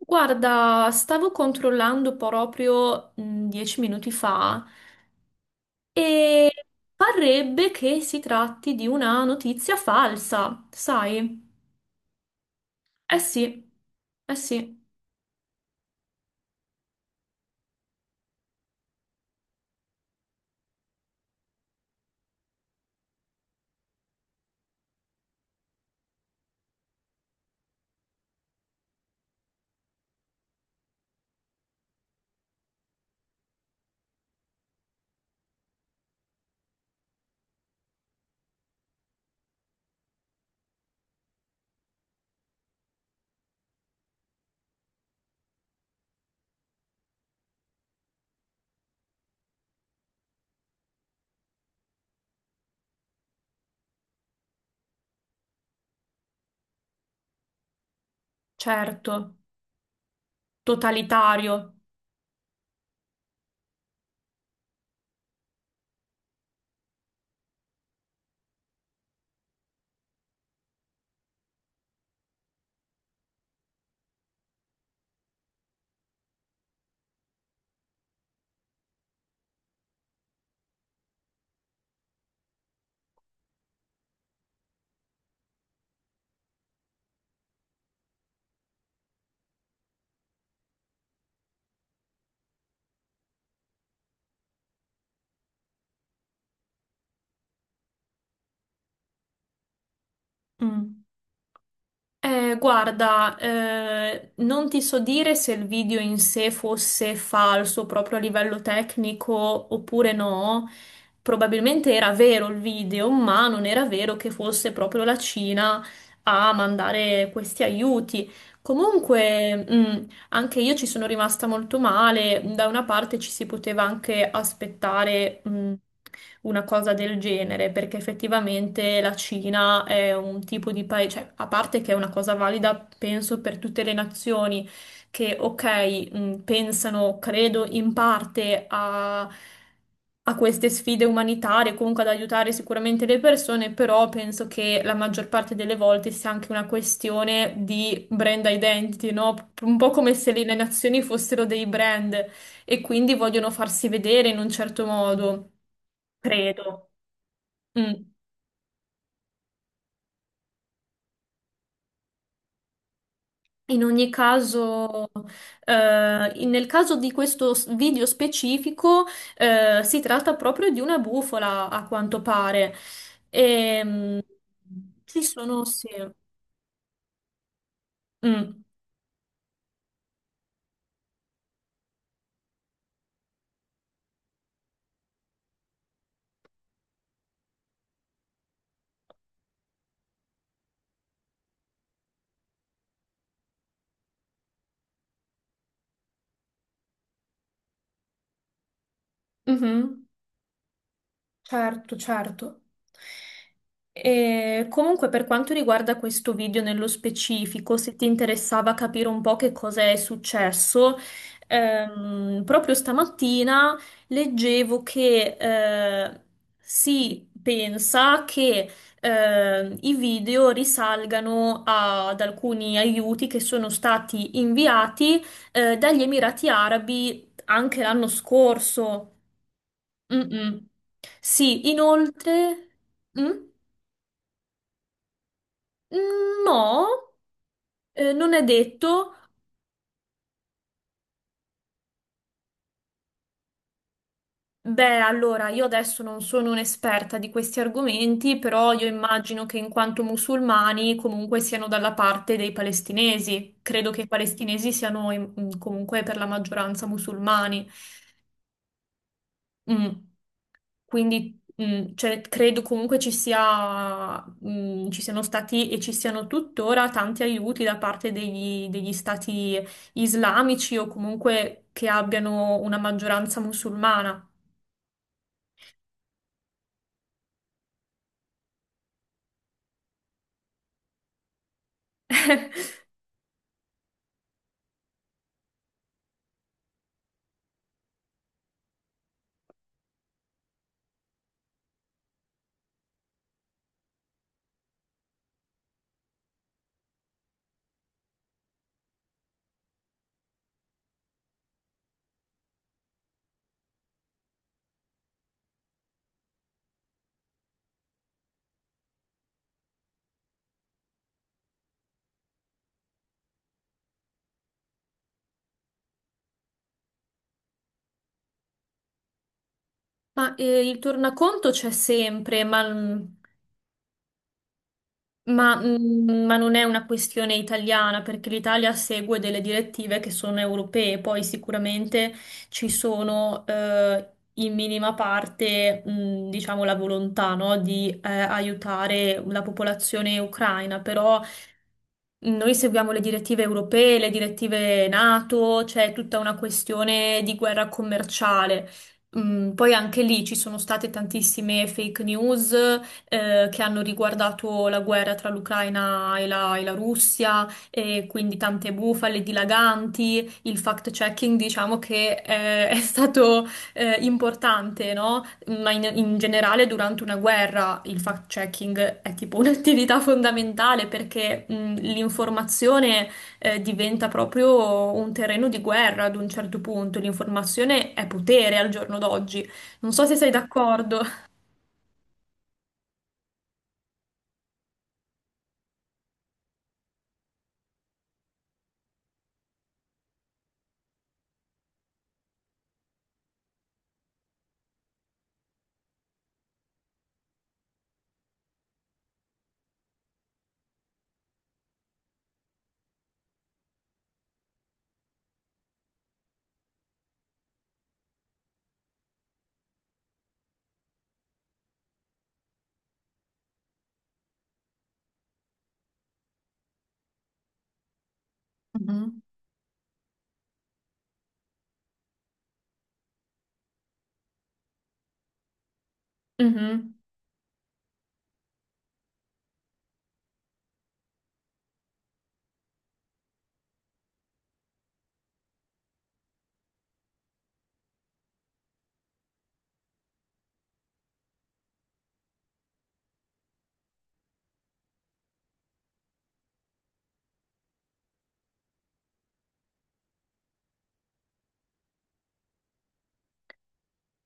Guarda, stavo controllando proprio 10 minuti fa e parrebbe che si tratti di una notizia falsa, sai? Eh sì, eh sì, certo, totalitario. Mm. Guarda, non ti so dire se il video in sé fosse falso proprio a livello tecnico oppure no. Probabilmente era vero il video, ma non era vero che fosse proprio la Cina a mandare questi aiuti. Comunque, anche io ci sono rimasta molto male. Da una parte ci si poteva anche aspettare una cosa del genere, perché effettivamente la Cina è un tipo di paese, cioè, a parte che è una cosa valida, penso, per tutte le nazioni, che, ok, pensano, credo, in parte a, a queste sfide umanitarie, comunque ad aiutare sicuramente le persone, però penso che la maggior parte delle volte sia anche una questione di brand identity, no? Un po' come se le nazioni fossero dei brand e quindi vogliono farsi vedere in un certo modo, credo. Mm. In ogni caso, nel caso di questo video specifico, si tratta proprio di una bufala, a quanto pare. Ehm, Ci sono, sì. Mm. Mhm. Certo, certo. E comunque per quanto riguarda questo video nello specifico, se ti interessava capire un po' che cosa è successo, proprio stamattina leggevo che si pensa che i video risalgano ad alcuni aiuti che sono stati inviati dagli Emirati Arabi anche l'anno scorso. Mm-mm. Sì, inoltre... Mm? Mm, no, non è detto. Beh, allora, io adesso non sono un'esperta di questi argomenti, però io immagino che in quanto musulmani comunque siano dalla parte dei palestinesi. Credo che i palestinesi siano comunque per la maggioranza musulmani. Mm. Quindi, cioè, credo comunque ci sia, ci siano stati e ci siano tuttora tanti aiuti da parte degli stati islamici o comunque che abbiano una maggioranza musulmana. Ma il tornaconto c'è sempre, ma ma non è una questione italiana perché l'Italia segue delle direttive che sono europee, poi sicuramente ci sono in minima parte, diciamo, la volontà, no, di aiutare la popolazione ucraina, però noi seguiamo le direttive europee, le direttive NATO. C'è tutta una questione di guerra commerciale. Poi anche lì ci sono state tantissime fake news, che hanno riguardato la guerra tra l'Ucraina e la Russia, e quindi tante bufale dilaganti. Il fact-checking, diciamo che è stato importante, no? Ma in generale durante una guerra il fact-checking è tipo un'attività fondamentale perché l'informazione diventa proprio un terreno di guerra ad un certo punto. L'informazione è potere al giorno d'oggi. Non so se sei d'accordo. Mhm. Mhm.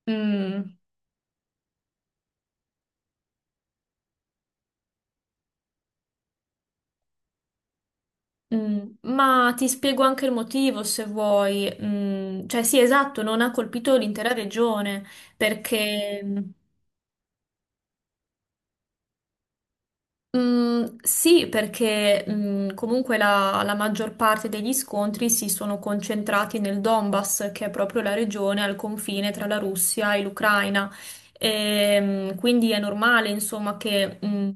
Mm, mm. Ma ti spiego anche il motivo se vuoi. Cioè, sì, esatto, non ha colpito l'intera regione perché, mm, sì, perché comunque la maggior parte degli scontri si sono concentrati nel Donbass, che è proprio la regione al confine tra la Russia e l'Ucraina. Quindi è normale, insomma, che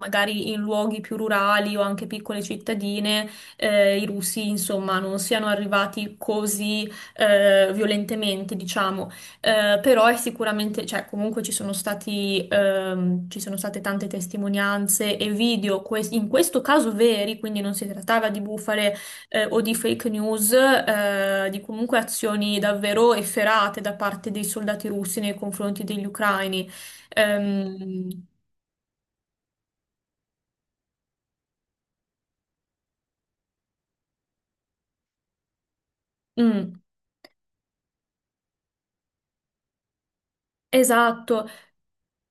magari in luoghi più rurali o anche piccole cittadine i russi, insomma, non siano arrivati così violentemente, diciamo. Però è sicuramente, cioè comunque ci sono stati, ci sono state tante testimonianze e video, in questo caso veri, quindi non si trattava di bufale, o di fake news, di comunque azioni davvero efferate da parte dei soldati russi nei confronti degli ucraini. Ehm, mm. Esatto.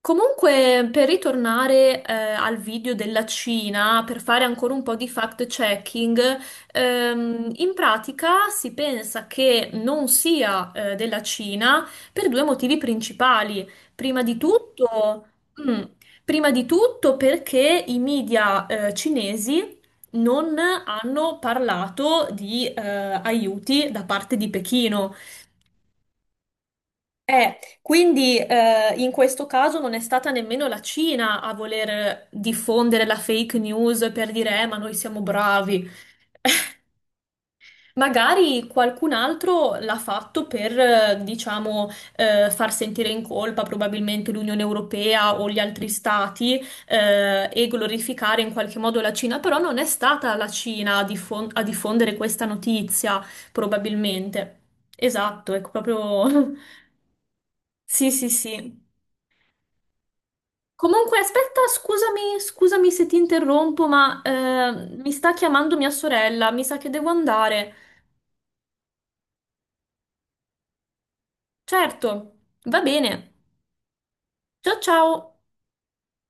Comunque, per ritornare, al video della Cina, per fare ancora un po' di fact-checking, in pratica si pensa che non sia, della Cina per due motivi principali. Prima di tutto, mm, Prima di tutto perché i media, cinesi non hanno parlato di, aiuti da parte di Pechino. Quindi in questo caso non è stata nemmeno la Cina a voler diffondere la fake news per dire, ma noi siamo bravi. Magari qualcun altro l'ha fatto per, diciamo, far sentire in colpa probabilmente l'Unione Europea o gli altri stati, e glorificare in qualche modo la Cina, però non è stata la Cina a diffondere questa notizia, probabilmente. Esatto, è proprio. Sì, sì, sì. Comunque, aspetta, scusami, scusami se ti interrompo, ma mi sta chiamando mia sorella, mi sa che devo andare. Certo, va bene. Ciao ciao.